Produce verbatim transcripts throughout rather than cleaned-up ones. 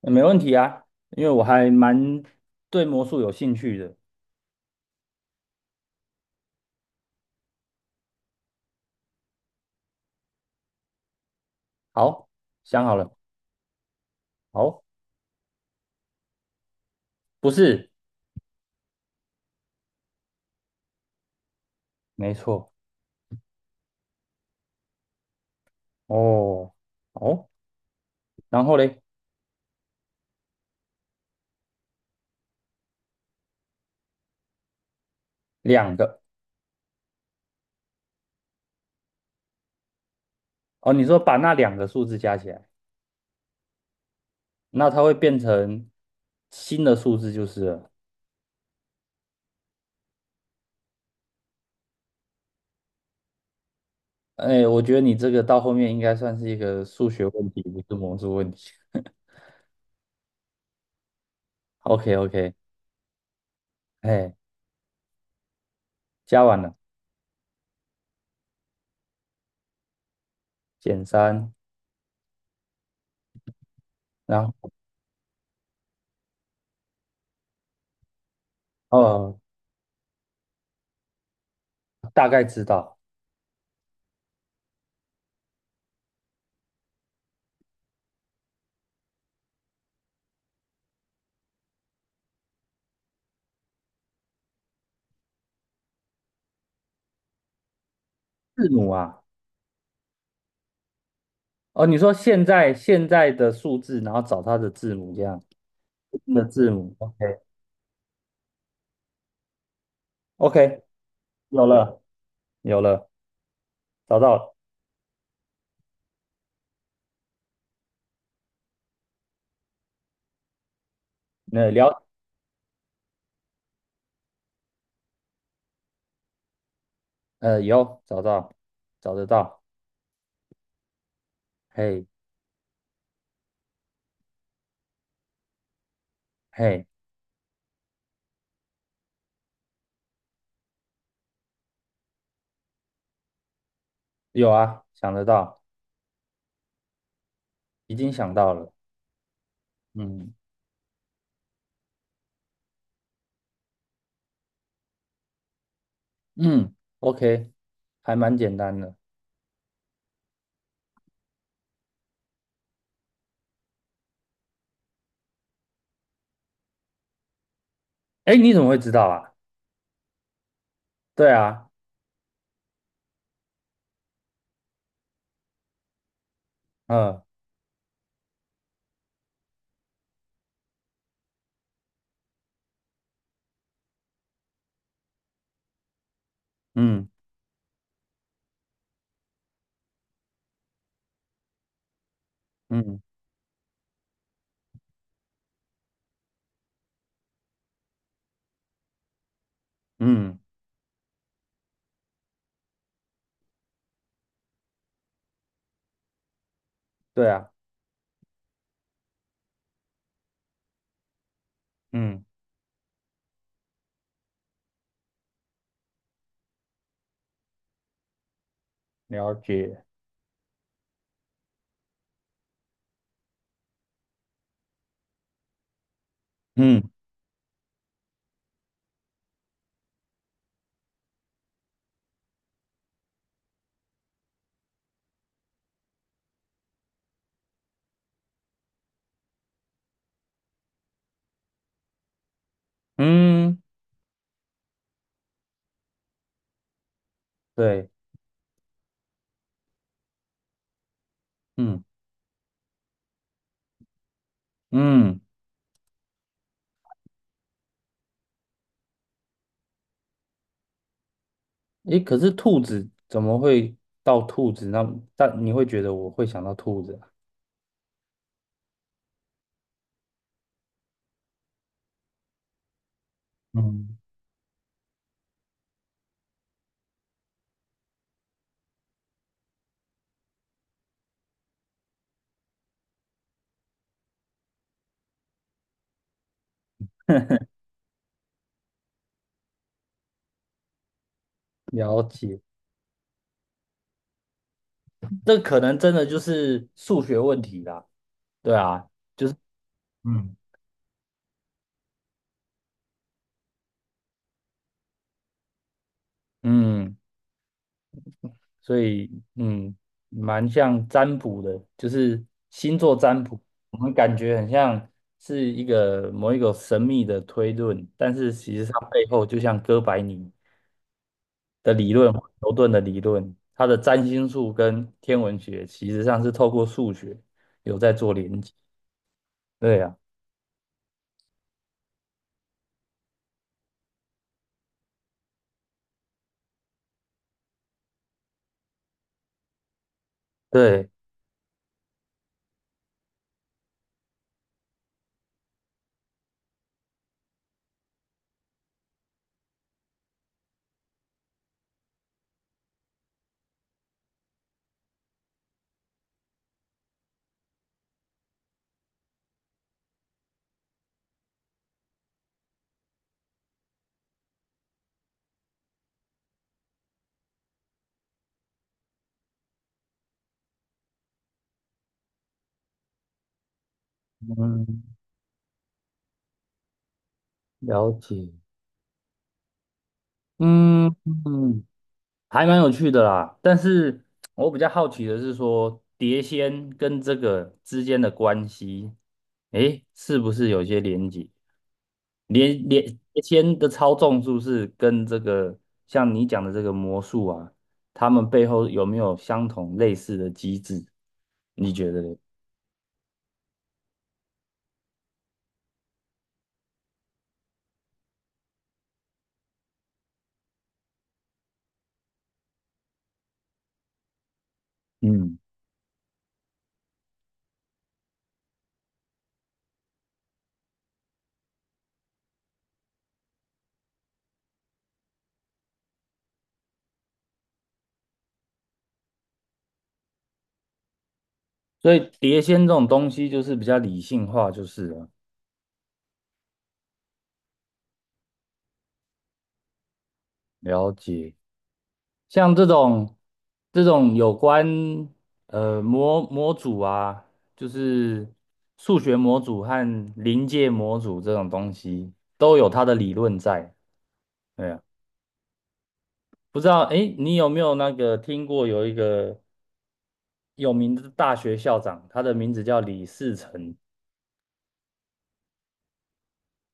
没问题啊，因为我还蛮对魔术有兴趣的。好，想好了。好。不是。没错。哦。哦，然后嘞？两个。哦，你说把那两个数字加起来，那它会变成新的数字就是了。哎，我觉得你这个到后面应该算是一个数学问题，不是魔术问题。OK OK。哎，加完了。减三。然后哦，大概知道字母啊。哦，你说现在现在的数字，然后找它的字母，这样的嗯字母，OK OK。有了有了，找到了。呃，了呃有找到，找得到。嘿嘿。有啊，想得到。已经想到了。嗯嗯。OK。还蛮简单的。哎，你怎么会知道啊？对啊。嗯嗯嗯嗯。对啊。嗯。了解。嗯嗯。对。嗯嗯。诶，可是兔子怎么会到兔子那？但你会觉得我会想到兔子啊？嗯。了解。这可能真的就是数学问题啦。对啊，就是嗯，嗯，所以嗯，蛮像占卜的，就是星座占卜。我们感觉很像是一个某一个神秘的推论，但是其实它背后就像哥白尼的理论，牛顿的理论，它的占星术跟天文学其实上是透过数学有在做连接。对啊。对。嗯。了解。嗯嗯。还蛮有趣的啦。但是我比较好奇的是说，碟仙跟这个之间的关系，诶，是不是有些连接？连连连签的操纵是不是跟这个像你讲的这个魔术啊，他们背后有没有相同类似的机制？你觉得嘞？嗯，所以碟仙这种东西就是比较理性化，就是了。了解。像这种这种有关呃模模组啊，就是数学模组和临界模组这种东西，都有它的理论在。对啊。不知道，哎，你有没有那个听过有一个有名的大学校长，他的名字叫李士成。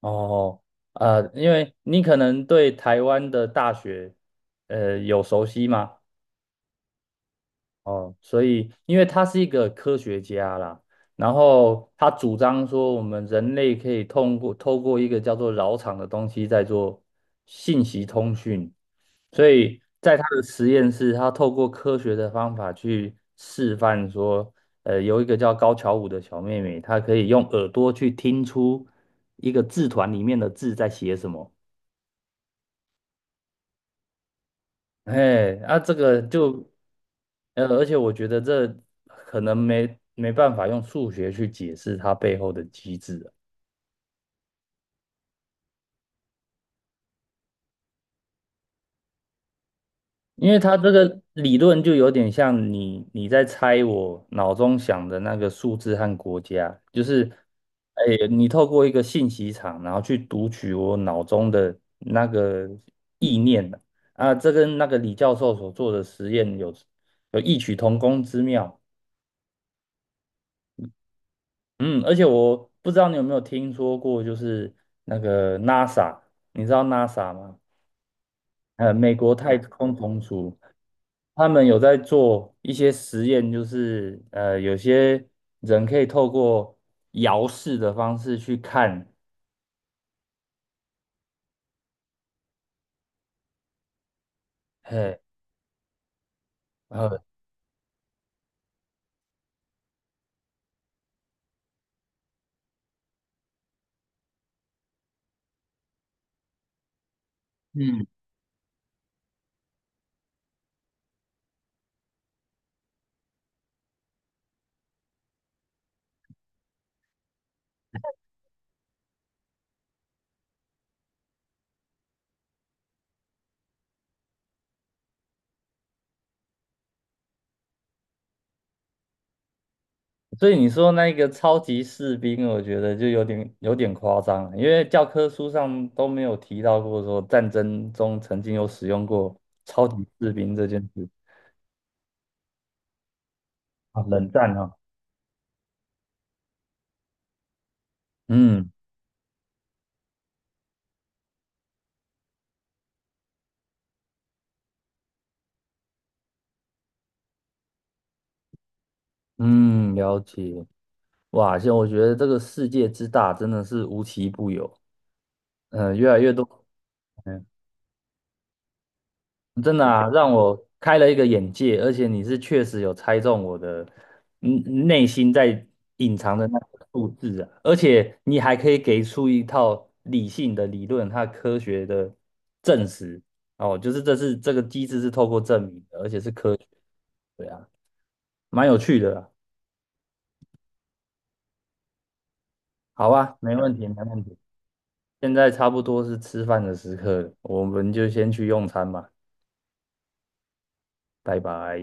哦，呃，因为你可能对台湾的大学，呃，有熟悉吗？哦，所以因为他是一个科学家啦，然后他主张说我们人类可以通过透过一个叫做扰场的东西在做信息通讯。所以在他的实验室，他透过科学的方法去示范说，呃，有一个叫高桥舞的小妹妹，她可以用耳朵去听出一个字团里面的字在写什么。哎，啊，这个就，呃，而且我觉得这可能没没办法用数学去解释它背后的机制。因为他这个理论就有点像你你在猜我脑中想的那个数字和国家，就是，哎，你透过一个信息场，然后去读取我脑中的那个意念啊，这跟那个李教授所做的实验有有异曲同工之妙。嗯，而且我不知道你有没有听说过，就是那个 NASA，你知道 NASA 吗？呃，美国太空总署。他们有在做一些实验，就是呃，有些人可以透过遥视的方式去看。嘿。呃。嗯。所以你说那个超级士兵，我觉得就有点有点夸张了因为教科书上都没有提到过说战争中曾经有使用过超级士兵这件事。啊，冷战啊。嗯嗯。了解。哇，现在我觉得这个世界之大真的是无奇不有，嗯、越来越多。嗯。真的啊，让我开了一个眼界，而且你是确实有猜中我的嗯内心在隐藏的那个数字啊，而且你还可以给出一套理性的理论，它科学的证实哦，就是这是这个机制是透过证明的，而且是科学。对啊。蛮有趣的啦。好啊，没问题，没问题。现在差不多是吃饭的时刻了，我们就先去用餐吧。拜拜。